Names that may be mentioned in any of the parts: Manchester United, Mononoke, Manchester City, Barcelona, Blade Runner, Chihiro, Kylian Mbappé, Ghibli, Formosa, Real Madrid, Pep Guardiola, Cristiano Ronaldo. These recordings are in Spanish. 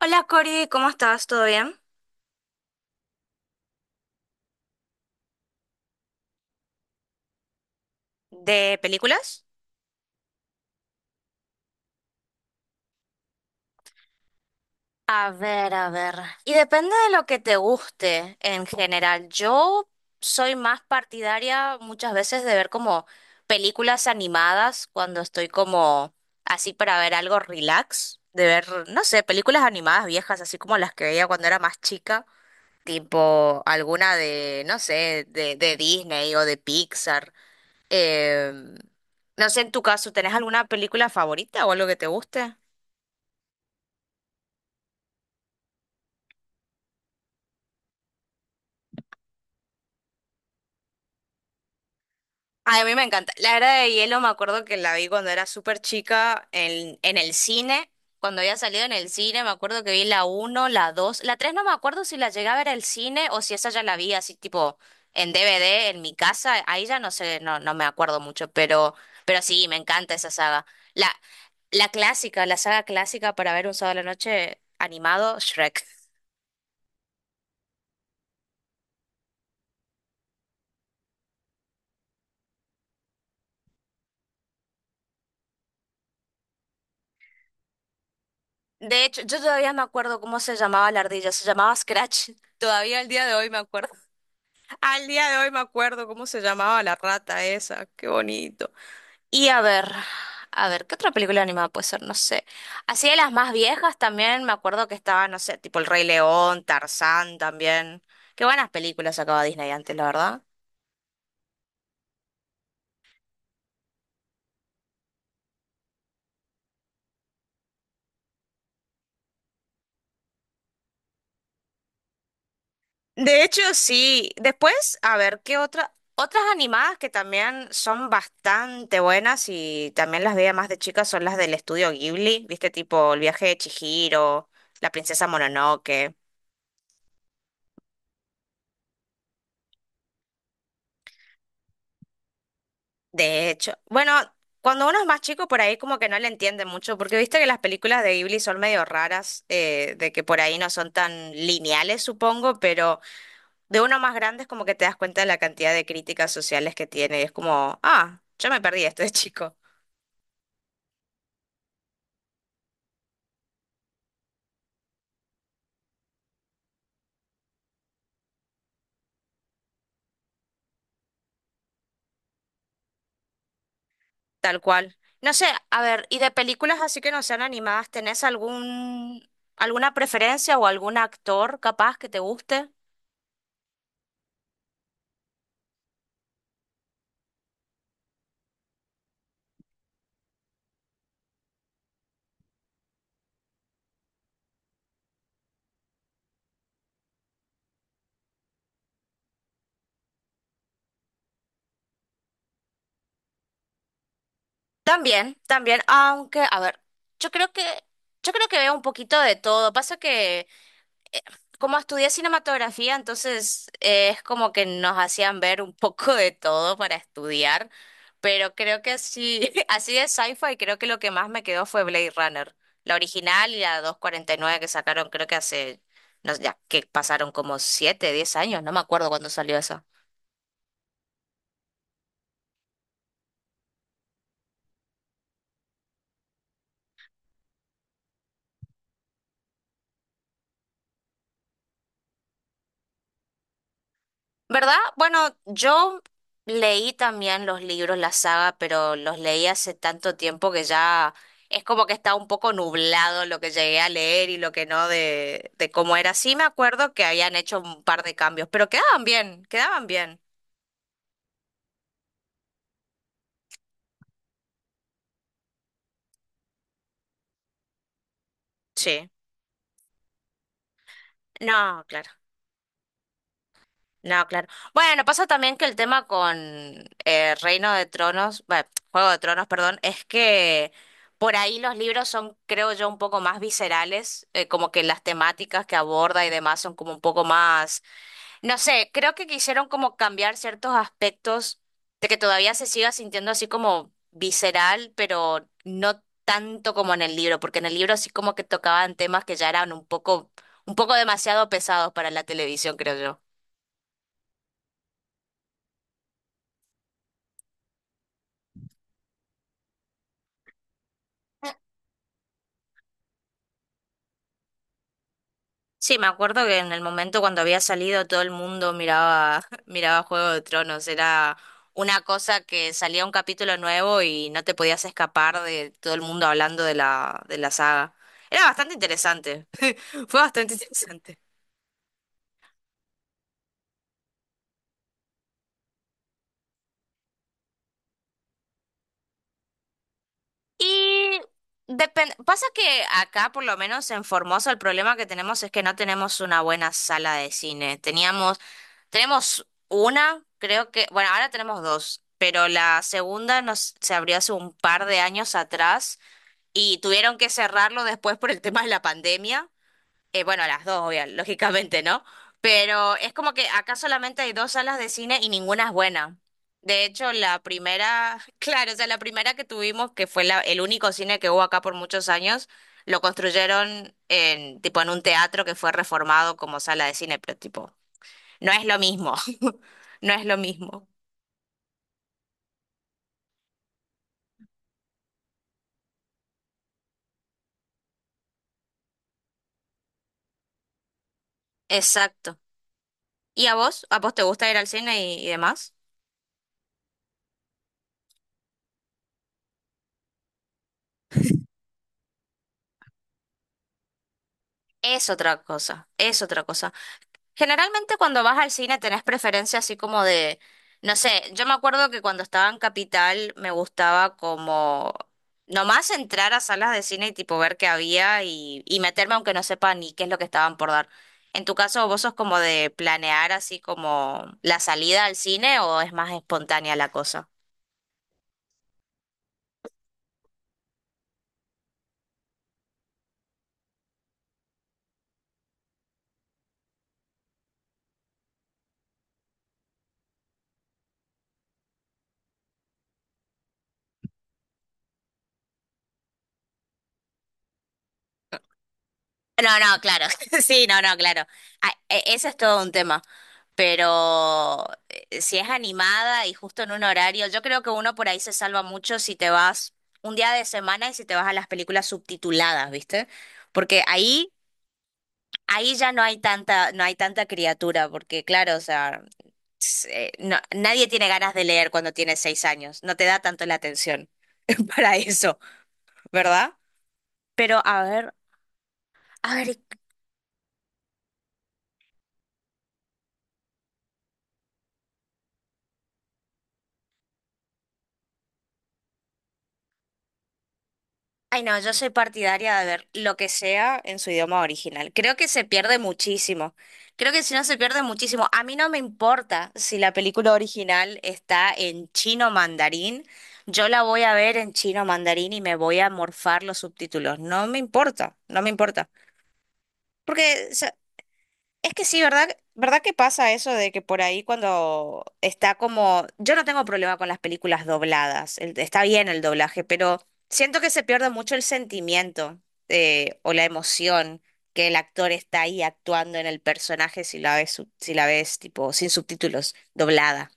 Hola Cori, ¿cómo estás? ¿Todo bien? ¿De películas? A ver, a ver. Y depende de lo que te guste en general. Yo soy más partidaria muchas veces de ver como películas animadas cuando estoy como así para ver algo relax, de ver, no sé, películas animadas viejas, así como las que veía cuando era más chica, tipo alguna de, no sé, de Disney o de Pixar. Eh, no sé, en tu caso, ¿tenés alguna película favorita o algo que te guste? Ay, a mí me encanta. La Era de Hielo me acuerdo que la vi cuando era súper chica en el cine. Cuando había salido en el cine, me acuerdo que vi la uno la 2 la 3 no me acuerdo si la llegué a ver al cine o si esa ya la vi así tipo en DVD en mi casa. Ahí ya no sé, no, no me acuerdo mucho, pero sí, me encanta esa saga. La, la clásica, la saga clásica para ver un sábado a la noche animado, Shrek. De hecho, yo todavía me acuerdo cómo se llamaba la ardilla, se llamaba Scratch. Todavía al día de hoy me acuerdo. Al día de hoy me acuerdo cómo se llamaba la rata esa, qué bonito. Y a ver, ¿qué otra película animada puede ser? No sé. Así de las más viejas también me acuerdo que estaba, no sé, tipo El Rey León, Tarzán también. Qué buenas películas sacaba Disney antes, la verdad. De hecho, sí. Después, a ver, ¿qué otras animadas que también son bastante buenas y también las veía más de chicas son las del estudio Ghibli, ¿viste? Tipo El viaje de Chihiro, La princesa Mononoke. De hecho, bueno, cuando uno es más chico por ahí como que no le entiende mucho, porque viste que las películas de Ghibli son medio raras, de que por ahí no son tan lineales, supongo, pero de uno más grande es como que te das cuenta de la cantidad de críticas sociales que tiene y es como, ah, yo me perdí esto de chico. Tal cual. No sé, a ver, y de películas así que no sean animadas, ¿tenés alguna preferencia o algún actor capaz que te guste? También, también, aunque, a ver, yo creo que, yo creo que veo un poquito de todo. Pasa que eh, como estudié cinematografía, entonces es como que nos hacían ver un poco de todo para estudiar, pero creo que así, así de sci-fi, creo que lo que más me quedó fue Blade Runner, la original y la 249 que sacaron, creo que hace, no sé, ya que pasaron como 7, 10 años, no me acuerdo cuándo salió esa. ¿Verdad? Bueno, yo leí también los libros, la saga, pero los leí hace tanto tiempo que ya es como que está un poco nublado lo que llegué a leer y lo que no de cómo era. Sí me acuerdo que habían hecho un par de cambios, pero quedaban bien, quedaban bien. Sí. No, claro. No, claro. Bueno, pasa también que el tema con Reino de Tronos, bueno, Juego de Tronos, perdón, es que por ahí los libros son, creo yo, un poco más viscerales, como que las temáticas que aborda y demás son como un poco más, no sé, creo que quisieron como cambiar ciertos aspectos de que todavía se siga sintiendo así como visceral, pero no tanto como en el libro, porque en el libro sí como que tocaban temas que ya eran un poco demasiado pesados para la televisión, creo yo. Sí, me acuerdo que en el momento cuando había salido todo el mundo miraba, miraba Juego de Tronos. Era una cosa que salía un capítulo nuevo y no te podías escapar de todo el mundo hablando de la saga. Era bastante interesante. Fue bastante interesante. Y depende, pasa que acá, por lo menos en Formosa, el problema que tenemos es que no tenemos una buena sala de cine. Teníamos Tenemos una, creo que, bueno, ahora tenemos dos, pero la segunda se abrió hace un par de años atrás y tuvieron que cerrarlo después por el tema de la pandemia. Bueno, las dos, obviamente, lógicamente, ¿no? Pero es como que acá solamente hay dos salas de cine y ninguna es buena. De hecho, la primera, claro, o sea, la primera que tuvimos, que fue el único cine que hubo acá por muchos años, lo construyeron en, tipo, en un teatro que fue reformado como sala de cine, pero tipo no es lo mismo, no es lo mismo. Exacto. ¿Y a vos? ¿A vos te gusta ir al cine y demás? Es otra cosa, es otra cosa. Generalmente cuando vas al cine tenés preferencia así como de, no sé, yo me acuerdo que cuando estaba en Capital me gustaba como nomás entrar a salas de cine y tipo ver qué había y meterme aunque no sepa ni qué es lo que estaban por dar. En tu caso, ¿vos sos como de planear así como la salida al cine o es más espontánea la cosa? No, no, claro. Sí, no, no, claro. Ah, Ese es todo un tema. Pero si es animada y justo en un horario, yo creo que uno por ahí se salva mucho si te vas un día de semana y si te vas a las películas subtituladas, ¿viste? Porque ahí ya no hay tanta, no hay tanta criatura, porque claro, o sea, nadie tiene ganas de leer cuando tienes 6 años. No te da tanto la atención para eso, ¿verdad? Pero a ver, a ver. Ay, no, yo soy partidaria de ver lo que sea en su idioma original. Creo que se pierde muchísimo. Creo que si no se pierde muchísimo. A mí no me importa si la película original está en chino mandarín. Yo la voy a ver en chino mandarín y me voy a morfar los subtítulos. No me importa, no me importa. Porque es que sí, ¿verdad? ¿Verdad que pasa eso de que por ahí cuando está como? Yo no tengo problema con las películas dobladas, está bien el doblaje, pero siento que se pierde mucho el sentimiento o la emoción que el actor está ahí actuando en el personaje si la ves, si la ves tipo sin subtítulos, doblada,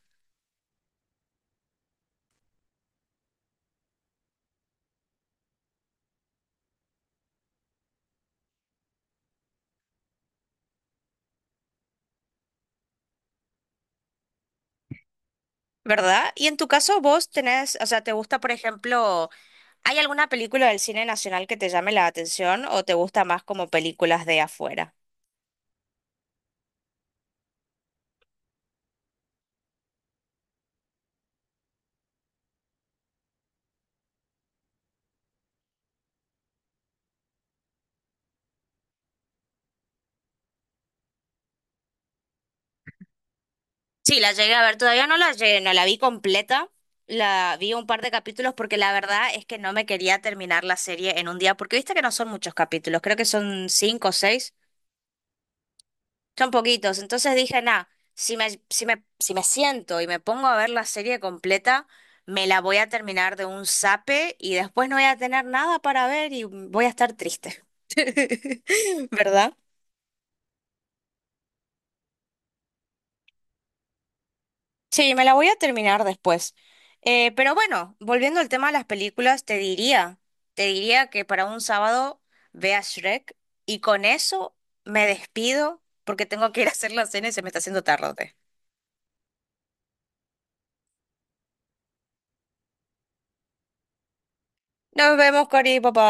¿verdad? Y en tu caso vos tenés, o sea, ¿te gusta, por ejemplo? ¿Hay alguna película del cine nacional que te llame la atención o te gusta más como películas de afuera? Sí, la llegué a ver, todavía no la llegué, no la vi completa, la vi un par de capítulos porque la verdad es que no me quería terminar la serie en un día, porque viste que no son muchos capítulos, creo que son cinco o seis, Son poquitos. Entonces dije, nah, si me siento y me pongo a ver la serie completa, me la voy a terminar de un zape y después no voy a tener nada para ver y voy a estar triste. ¿Verdad? Sí, me la voy a terminar después. Pero bueno, volviendo al tema de las películas, te diría que para un sábado vea Shrek y con eso me despido porque tengo que ir a hacer la cena y se me está haciendo tarde. Nos vemos, Cori, papá.